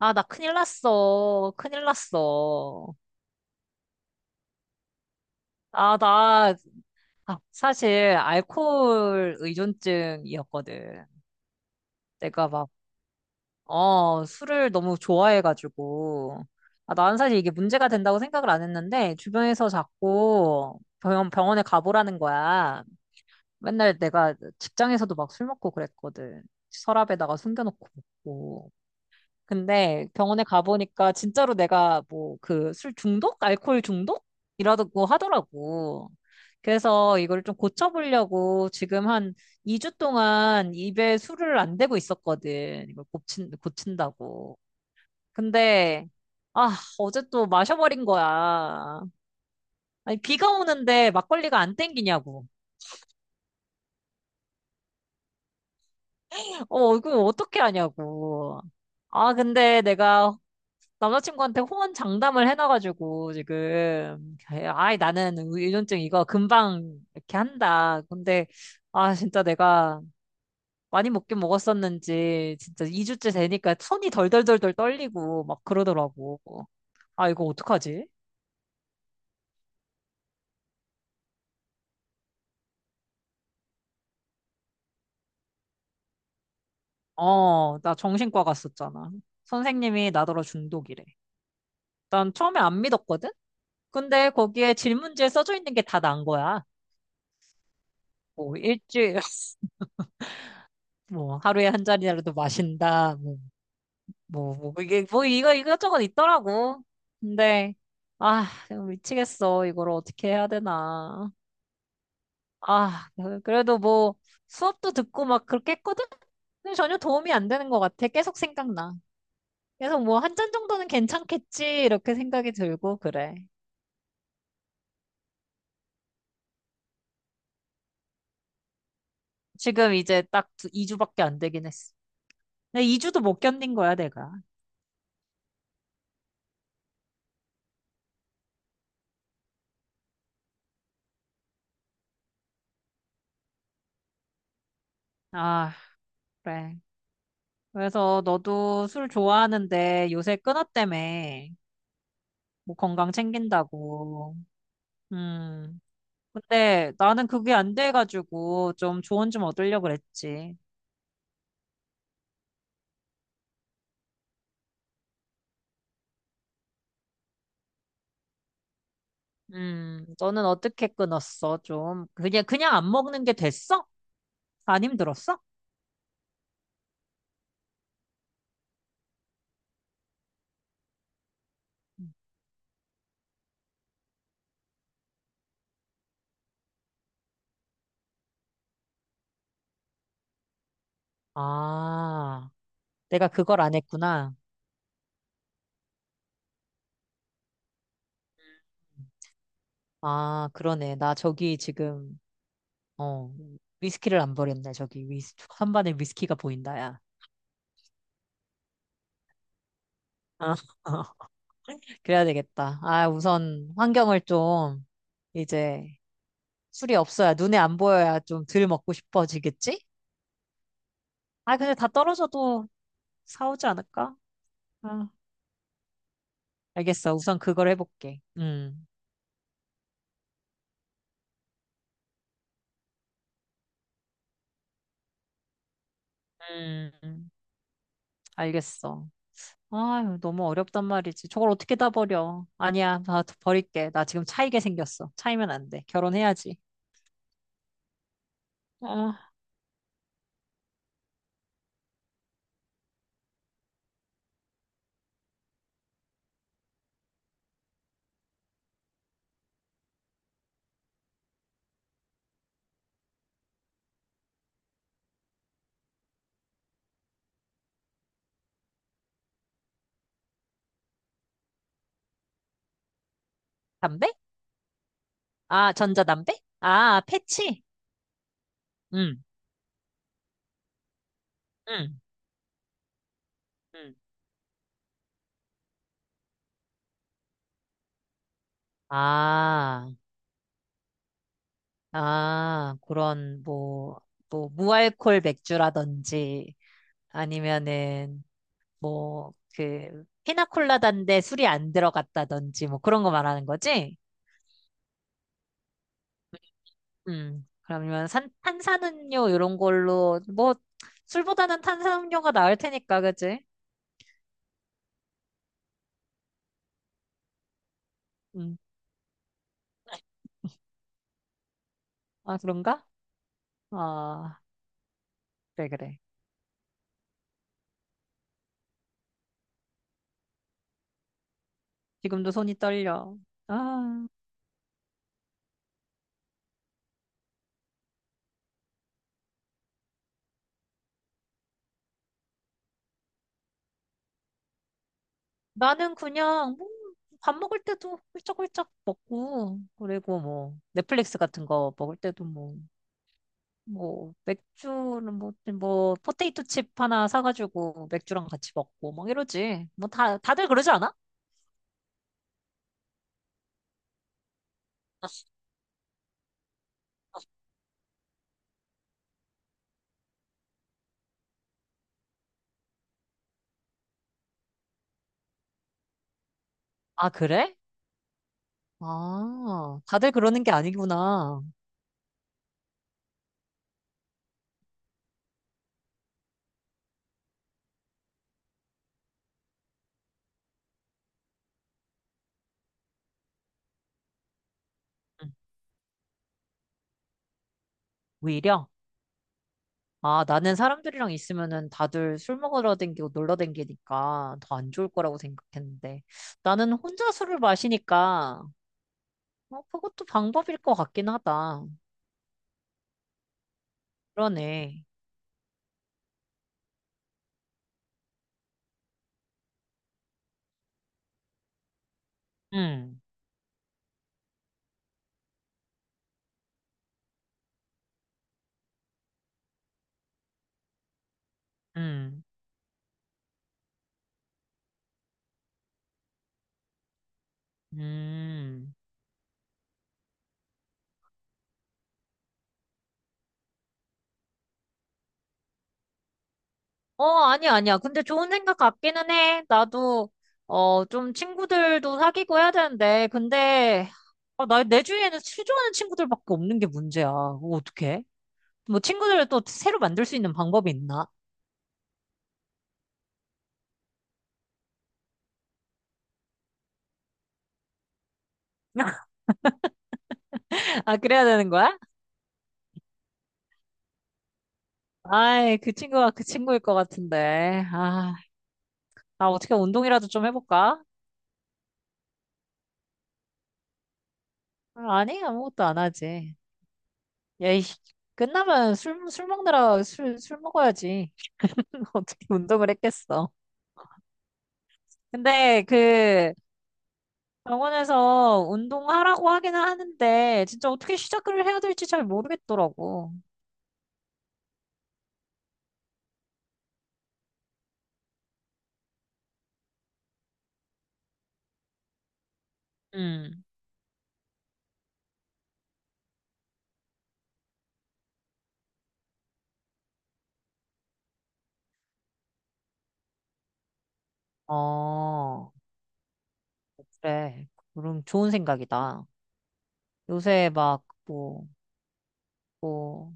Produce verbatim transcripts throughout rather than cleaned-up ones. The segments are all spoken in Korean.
아, 나 큰일 났어. 큰일 났어. 아, 나, 아, 사실, 알코올 의존증이었거든. 내가 막, 어, 술을 너무 좋아해가지고. 아, 난 사실 이게 문제가 된다고 생각을 안 했는데, 주변에서 자꾸 병원, 병원에 가보라는 거야. 맨날 내가 직장에서도 막 술 먹고 그랬거든. 서랍에다가 숨겨놓고 먹고. 근데 병원에 가보니까 진짜로 내가 뭐 그 술 중독? 알코올 중독? 이라고 하더라고. 그래서 이걸 좀 고쳐보려고 지금 한 이 주 동안 입에 술을 안 대고 있었거든. 이걸 고친, 고친다고. 근데, 아, 어제 또 마셔버린 거야. 아니, 비가 오는데 막걸리가 안 땡기냐고. 어, 이거 어떻게 하냐고. 아, 근데 내가 남자친구한테 호언 장담을 해놔가지고 지금 아이 나는 의존증 이거 금방 이렇게 한다. 근데 아 진짜 내가 많이 먹긴 먹었었는지 진짜 이 주째 되니까 손이 덜덜덜덜 떨리고 막 그러더라고. 아 이거 어떡하지? 어, 나 정신과 갔었잖아. 선생님이 나더러 중독이래. 난 처음에 안 믿었거든? 근데 거기에 질문지에 써져 있는 게 다 난 거야. 뭐 일주일 뭐 하루에 한 잔이라도 마신다. 뭐 뭐, 뭐, 이게, 뭐, 이거, 이것저것 있더라고. 근데, 아, 미치겠어. 이걸 어떻게 해야 되나. 아, 그- 래도 뭐, 수업도 듣고 막 그렇게 했거든? 근데 전혀 도움이 안 되는 것 같아. 계속 생각나. 계속 뭐, 한 잔 정도는 괜찮겠지. 이렇게 생각이 들고, 그래. 지금 이제 딱 두, 이 주밖에 안 되긴 했어. 근데 이 주도 못 견딘 거야, 내가. 아, 그래. 그래서 너도 술 좋아하는데 요새 끊었다며. 뭐 건강 챙긴다고. 음. 근데 나는 그게 안 돼가지고 좀 조언 좀 얻으려고 그랬지. 음, 너는 어떻게 끊었어? 좀 그냥 그냥 안 먹는 게 됐어? 안 힘들었어? 아, 내가 그걸 안 했구나. 아, 그러네. 나 저기 지금 어 위스키를 안 버렸네. 저기 위스 한반에 위스키가 보인다, 야. 아, 그래야 되겠다. 아, 우선 환경을 좀 이제 술이 없어야 눈에 안 보여야 좀 덜 먹고 싶어지겠지? 아, 근데 다 떨어져도 사오지 않을까? 아, 알겠어. 우선 그걸 해볼게. 음, 음, 알겠어. 아유, 너무 어렵단 말이지. 저걸 어떻게 다 버려? 아니야, 나 버릴게. 나 지금 차이게 생겼어. 차이면 안 돼. 결혼해야지. 아, 담배? 아, 전자담배? 아, 패치? 음, 음, 음. 아, 아, 그런, 뭐, 뭐, 무알콜 맥주라든지, 아니면은 뭐 그 피나콜라다인데 술이 안 들어갔다든지 뭐 그런 거 말하는 거지? 음. 그러면 산, 탄산음료 이런 걸로 뭐 술보다는 탄산음료가 나을 테니까 그지? 음. 아 그런가? 아 그래 그래. 지금도 손이 떨려. 아 나는 그냥 뭐 밥 먹을 때도 훌쩍훌쩍 먹고 그리고 뭐 넷플릭스 같은 거 먹을 때도 뭐 뭐 맥주는 뭐, 뭐 포테이토 칩 하나 사가지고 맥주랑 같이 먹고 막 이러지. 뭐 다, 다들 그러지 않아? 아, 그래? 아, 다들 그러는 게 아니구나. 응. 오히려? 아, 나는 사람들이랑 있으면은 다들 술 먹으러 댕기고 놀러 댕기니까 더 안 좋을 거라고 생각했는데 나는 혼자 술을 마시니까 어, 그것도 방법일 것 같긴 하다. 그러네. 응, 응, 음. 어, 아니야, 아니야. 근데 좋은 생각 같기는 해. 나도, 어, 좀 친구들도 사귀고 해야 되는데. 근데, 아, 나, 내 주위에는 수조하는 친구들밖에 없는 게 문제야. 그거 어떡해? 뭐, 친구들을 또 새로 만들 수 있는 방법이 있나? 아, 그래야 되는 거야? 아이, 그 친구가 그 친구일 것 같은데. 아, 아, 어떻게 운동이라도 좀 해볼까? 아, 아니, 아무것도 안 하지. 야, 이, 끝나면 술, 술 먹느라 술, 술 먹어야지. 어떻게 운동을 했겠어. 근데 그, 병원에서 운동하라고 하긴 하는데, 진짜 어떻게 시작을 해야 될지 잘 모르겠더라고. 음. 어, 그래. 그럼 좋은 생각이다. 요새 막, 뭐, 뭐,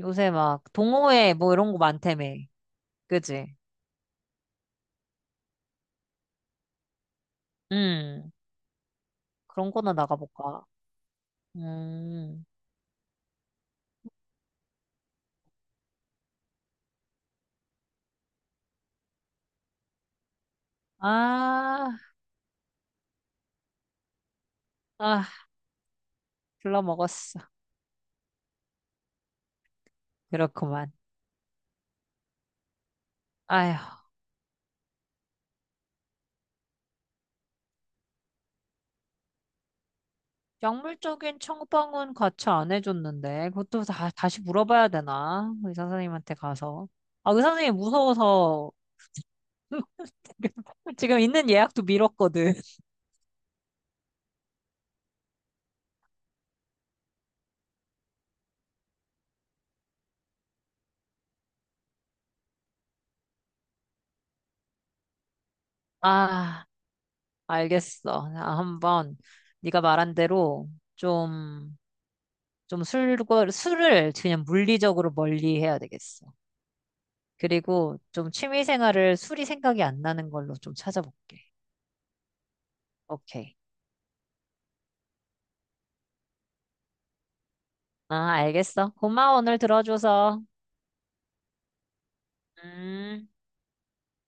요새 막, 동호회 뭐 이런 거 많다며. 그지? 음. 그런 거나 나가볼까. 음. 아, 아, 글러먹었어. 그렇구만. 아휴. 약물적인 처방은 같이 안 해줬는데, 그것도 다, 다시 물어봐야 되나? 의사 선생님한테 가서. 아, 의사 선생님 무서워서 지금 있는 예약도 미뤘거든. 아, 알겠어. 아, 한번 네가 말한 대로 좀, 좀 술, 술을 그냥 물리적으로 멀리 해야 되겠어. 그리고 좀 취미 생활을 술이 생각이 안 나는 걸로 좀 찾아볼게. 오케이. 아, 알겠어. 고마워, 오늘 들어줘서. 음.